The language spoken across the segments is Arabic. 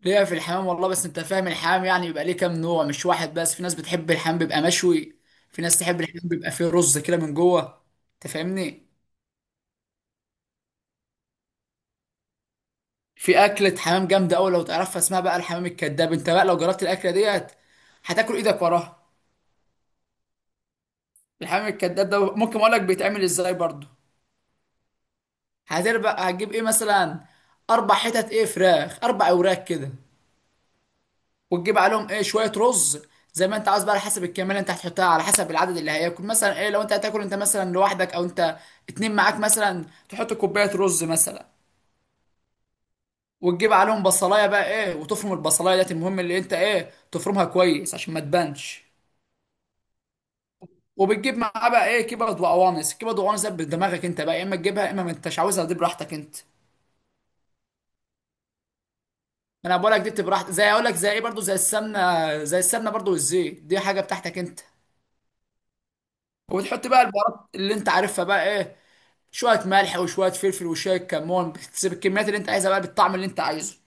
ليا في الحمام والله. بس انت فاهم الحمام يعني بيبقى ليه كام نوع مش واحد بس. في ناس بتحب الحمام بيبقى مشوي، في ناس تحب الحمام بيبقى فيه رز كده من جوه. انت فاهمني؟ في اكلة حمام جامدة قوي لو تعرفها، اسمها بقى الحمام الكذاب. انت بقى لو جربت الاكلة ديت هتاكل ايدك وراها. الحمام الكذاب ده ممكن اقول لك بيتعمل ازاي برضه. هتربق، هتجيب ايه مثلا؟ اربع حتت ايه فراخ، اربع اوراق كده. وتجيب عليهم ايه شويه رز، زي ما انت عاوز بقى، على حسب الكميه اللي انت هتحطها، على حسب العدد اللي هياكل. مثلا ايه لو انت هتاكل انت مثلا لوحدك او انت اتنين معاك، مثلا تحط كوبايه رز مثلا. وتجيب عليهم بصلايه بقى ايه، وتفرم البصلايه ديت، المهم اللي انت ايه تفرمها كويس عشان ما تبانش. وبتجيب معاه بقى ايه كبد وقوانص. الكبد والقوانص ده بدماغك انت بقى، يا اما تجيبها يا اما ما انتش عاوزها، دي براحتك انت. انا بقول لك دي بتبقى براحتك، زي اقول لك زي ايه برضو، زي السمنه، زي السمنه برضو والزيت، دي حاجه بتاعتك انت. وبتحط بقى البهارات اللي انت عارفها بقى ايه، شويه ملح وشويه فلفل وشويه كمون. بتسيب الكميات اللي انت عايزها بقى بالطعم اللي انت عايزه.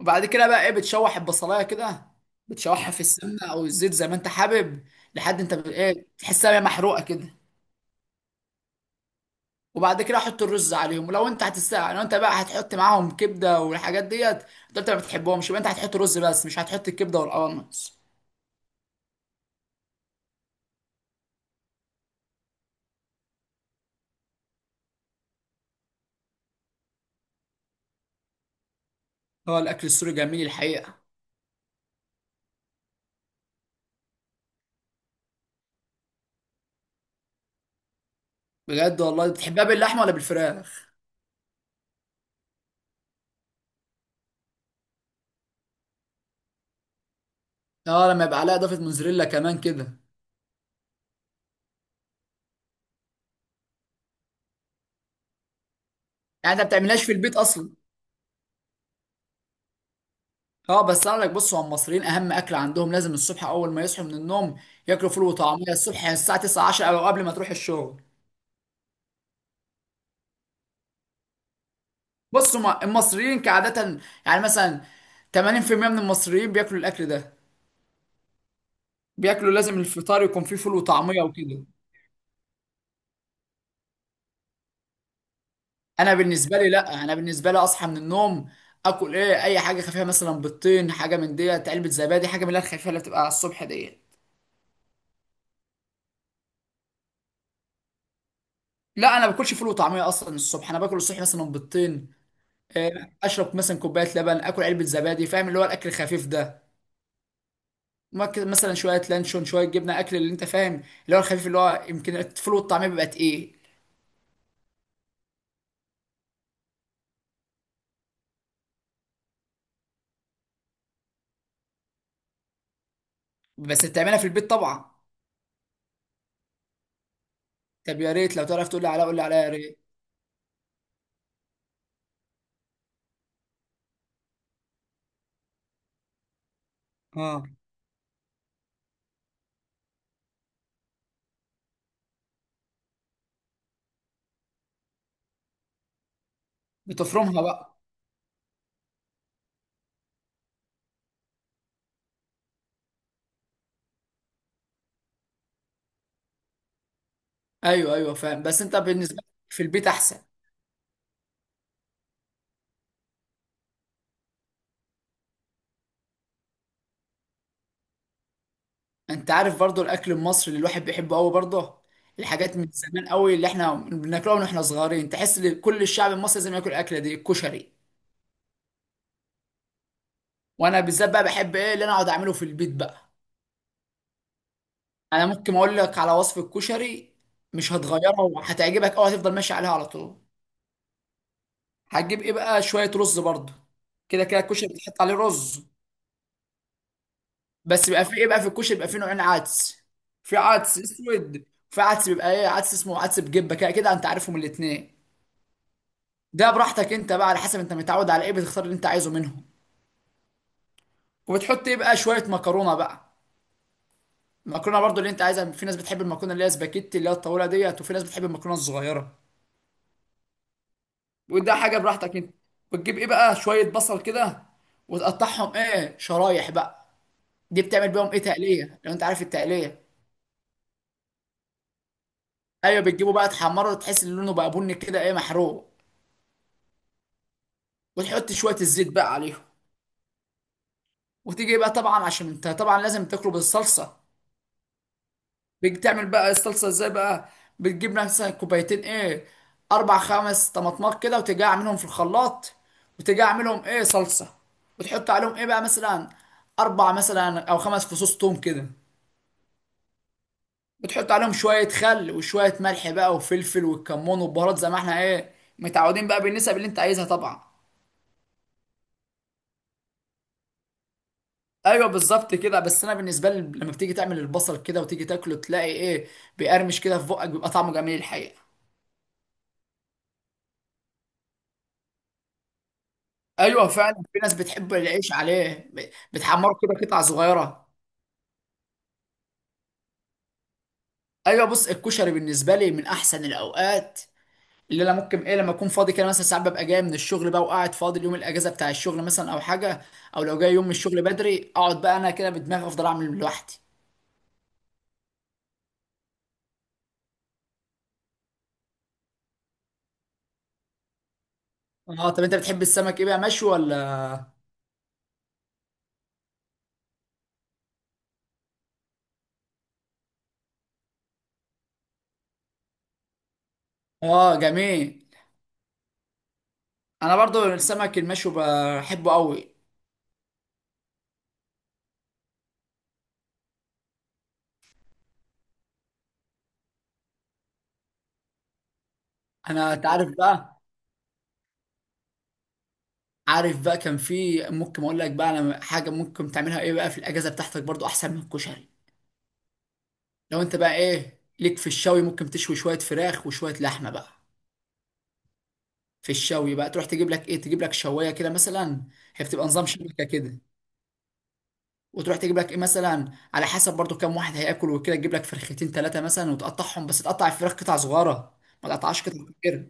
وبعد كده بقى ايه بتشوح البصلايه كده، بتشوحها في السمنه او الزيت زي ما انت حابب، لحد انت ايه تحسها بقى محروقه كده. وبعد كده حط الرز عليهم. ولو انت هتستع، لو انت بقى هتحط معاهم كبده والحاجات ديت. انت ما بتحبهمش، يبقى انت هتحط رز بس مش هتحط الكبده والقوانص. هو الاكل السوري جميل الحقيقه. بجد والله؟ بتحبها باللحمه ولا بالفراخ؟ اه لما يبقى عليها اضافه موزاريلا كمان كده. يعني انت ما بتعملهاش في البيت اصلا؟ اه بس اقول لك، بص هو المصريين اهم اكل عندهم لازم الصبح اول ما يصحوا من النوم ياكلوا فول وطعميه الصبح، يعني الساعه 9 10 او قبل ما تروح الشغل. بص هما المصريين كعاده يعني مثلا 80% من المصريين بياكلوا الاكل ده، بياكلوا لازم الفطار يكون فيه فول وطعميه وكده. انا بالنسبه لي لا، انا بالنسبه لي اصحى من النوم اكل ايه، اي حاجه خفيفه، مثلا بيضتين، حاجه من ديت، علبه زبادي، حاجه من اللي هي الخفيفه اللي بتبقى على الصبح ديت. لا انا ما باكلش فول وطعميه اصلا الصبح، انا باكل الصبح مثلا بيضتين، اشرب مثلا كوبايه لبن، اكل علبه زبادي، فاهم اللي هو الاكل الخفيف ده. ممكن مثلا شويه لانشون، شويه جبنه، اكل اللي انت فاهم، اللي هو الخفيف. اللي هو يمكن الفول والطعميه بيبقى تقيل. بس بتعملها في البيت طبعا. طب يا ريت لو تعرف تقول لي عليها، قول لي عليها يا ريت. اه، بتفرمها بقى. ايوه ايوه فاهم. بس انت بالنسبه لك في البيت احسن. انت عارف برضو الاكل المصري اللي الواحد بيحبه قوي برضه، الحاجات من زمان قوي اللي احنا بناكلها من احنا صغيرين، تحس ان كل الشعب المصري لازم ياكل الاكله دي، الكشري. وانا بالذات بقى بحب ايه اللي انا اقعد اعمله في البيت بقى. انا ممكن اقول لك على وصفة كشري مش هتغيرها وهتعجبك او هتفضل ماشي عليها على طول. هتجيب ايه بقى، شوية رز برضه، كده كده الكشري بتحط عليه رز. بس بيبقى فيه ايه بقى في الكشري، بيبقى فيه نوعين عدس، في عدس اسود، وفي عدس بيبقى ايه عدس اسمه عدس بجبة، كده كده انت عارفهم الاتنين. ده براحتك انت بقى، على حسب انت متعود على ايه بتختار اللي انت عايزه منهم. وبتحط ايه بقى شوية مكرونة بقى، المكرونة برضه اللي انت عايزها. في ناس بتحب المكرونة اللي هي سباكيتي اللي هي الطويلة ديت، وفي ناس بتحب المكرونة الصغيرة، وده حاجه براحتك انت. بتجيب ايه بقى شويه بصل كده، وتقطعهم ايه شرايح بقى، دي بتعمل بيهم ايه تقليه، لو انت عارف التقليه. ايوه، بتجيبه بقى تحمره تحس ان لونه بقى بني كده ايه محروق. وتحط شويه الزيت بقى عليهم. وتيجي بقى طبعا عشان انت طبعا لازم تاكله بالصلصه. بتعمل بقى الصلصه ازاي بقى، بتجيب مثلا كوبايتين ايه، اربع خمس طماطمات كده، وتيجي اعملهم في الخلاط، وتيجي اعملهم ايه صلصه، وتحط عليهم ايه بقى مثلا اربع مثلا او خمس فصوص توم كده. بتحط عليهم شوية خل وشوية ملح بقى وفلفل والكمون والبهارات زي ما احنا ايه متعودين بقى، بالنسب اللي انت عايزها طبعا. ايوه بالظبط كده. بس انا بالنسبة لي لما بتيجي تعمل البصل كده وتيجي تاكله تلاقي ايه، بيقرمش كده في بقك، بيبقى طعمه جميل الحقيقة. ايوه فعلا، في ناس بتحب العيش عليه، بتحمره كده قطع صغيرة. ايوه بص الكشري بالنسبة لي من احسن الاوقات اللي انا ممكن ايه لما اكون فاضي كده، مثلا ساعات ببقى جاي من الشغل بقى وقاعد فاضي، اليوم الاجازه بتاع الشغل مثلا او حاجه، او لو جاي يوم من الشغل بدري اقعد بقى انا كده بدماغي، افضل اعمل لوحدي. اه طب انت بتحب السمك ايه بقى، مشوي ولا؟ اه جميل. انا برضو السمك المشوي بحبه قوي. انا انت عارف بقى، عارف بقى كان في ممكن اقول لك بقى انا حاجه ممكن تعملها ايه بقى في الاجازه بتاعتك برضو احسن من الكشري. لو انت بقى ايه ليك في الشوي، ممكن تشوي شويه فراخ وشويه لحمه بقى. في الشوي بقى تروح تجيب لك ايه، تجيب لك شوايه كده مثلا، هي بتبقى نظام شبكه كده. وتروح تجيب لك ايه مثلا على حسب برضو كام واحد هياكل وكده، تجيب لك فرختين ثلاثه مثلا وتقطعهم، بس تقطع الفراخ قطع صغيره، ما تقطعش قطع كبيره.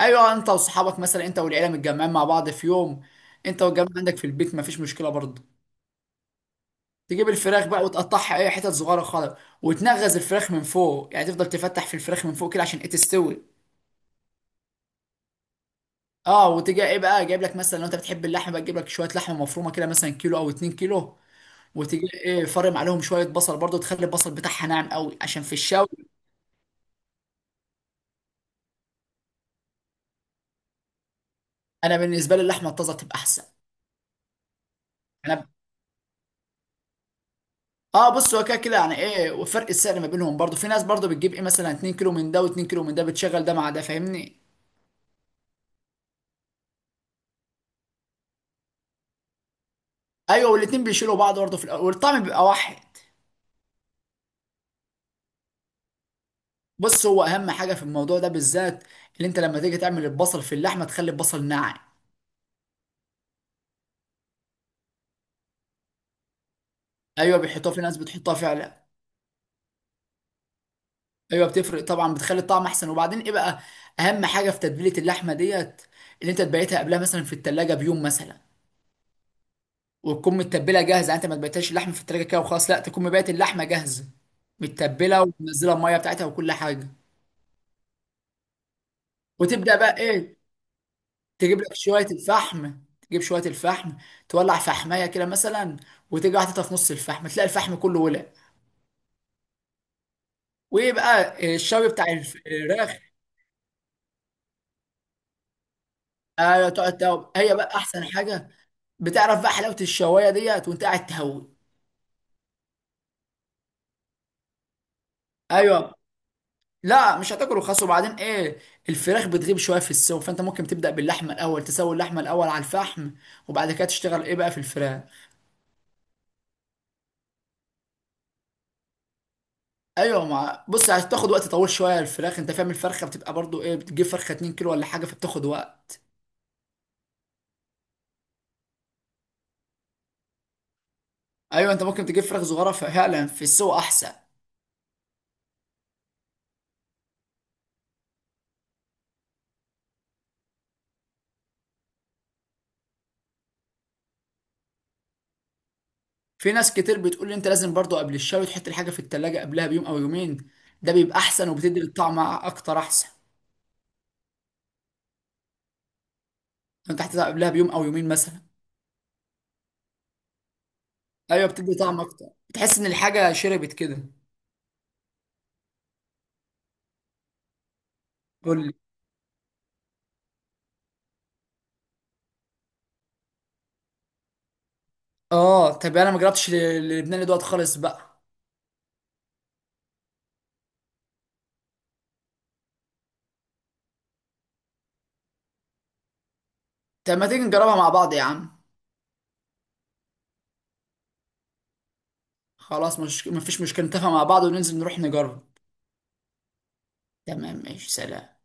ايوه انت واصحابك مثلا، انت والعيله متجمعين مع بعض في يوم، انت والجماعه عندك في البيت، ما فيش مشكله برضو. تجيب الفراخ بقى وتقطعها اي حتت صغيره خالص، وتنغز الفراخ من فوق، يعني تفضل تفتح في الفراخ من فوق كده عشان ايه تستوي. اه. وتجي ايه بقى جايب لك مثلا، لو انت بتحب اللحمه بقى تجيب لك شويه لحمه مفرومه كده، مثلا كيلو او 2 كيلو، وتجي ايه فرم عليهم شويه بصل برضو، تخلي البصل بتاعها ناعم قوي عشان في الشاوي. انا بالنسبه لي اللحمه الطازه تبقى احسن. انا اه بص هو كده كده يعني ايه، وفرق السعر ما بينهم برضو، في ناس برضو بتجيب ايه مثلا 2 كيلو من ده و2 كيلو من ده، بتشغل ده مع ده، فاهمني. ايوه والاتنين بيشيلوا بعض برضو في الاول، والطعم بيبقى واحد. بص هو اهم حاجه في الموضوع ده بالذات، اللي انت لما تيجي تعمل البصل في اللحمه تخلي البصل ناعم. ايوه بيحطوها، في ناس بتحطها فعلا. ايوه بتفرق طبعا، بتخلي الطعم احسن. وبعدين ايه بقى، اهم حاجه في تتبيله اللحمه ديت، اللي انت تبيتها قبلها مثلا في التلاجة بيوم مثلا، وتكون متبله جاهزه. يعني انت ما تبيتهاش اللحمه في التلاجة كده وخلاص، لا تكون مبيت اللحمه جاهزه متبله، ومنزله الميه بتاعتها وكل حاجه. وتبدا بقى ايه، تجيب لك شويه الفحم، تجيب شويه الفحم تولع فحمايه كده مثلا، وتيجي حاططها في نص الفحم تلاقي الفحم كله ولع. وايه بقى الشوي بتاع الفراخ. ايوه هي بقى احسن حاجه، بتعرف بقى حلاوه الشوايه ديت وانت قاعد تهوي. ايوه لا مش هتاكل رخاص. وبعدين ايه، الفراخ بتغيب شويه في السوا، فانت ممكن تبدا باللحمه الاول، تسوي اللحمه الاول على الفحم، وبعد كده تشتغل ايه بقى في الفراخ. ايوه مع بص هتاخد وقت طويل شويه الفراخ، انت فاهم الفرخه بتبقى برضو ايه، بتجيب فرخه 2 كيلو ولا حاجه فبتاخد وقت. ايوه انت ممكن تجيب فراخ صغيره فعلا، في السوا احسن. في ناس كتير بتقول لي انت لازم برضو قبل الشوي تحط الحاجه في التلاجة قبلها بيوم او يومين، ده بيبقى احسن وبتدي الطعم اكتر احسن. انت هتحطها قبلها بيوم او يومين مثلا. ايوه بتدي طعم اكتر، بتحس ان الحاجه شربت كده. قول لي. اه طب انا ما جربتش اللبناني دوت خالص بقى. طب ما تيجي نجربها مع بعض يا عم. خلاص مش مفيش مشكله، نتفق مع بعض وننزل نروح نجرب. تمام ماشي، سلام.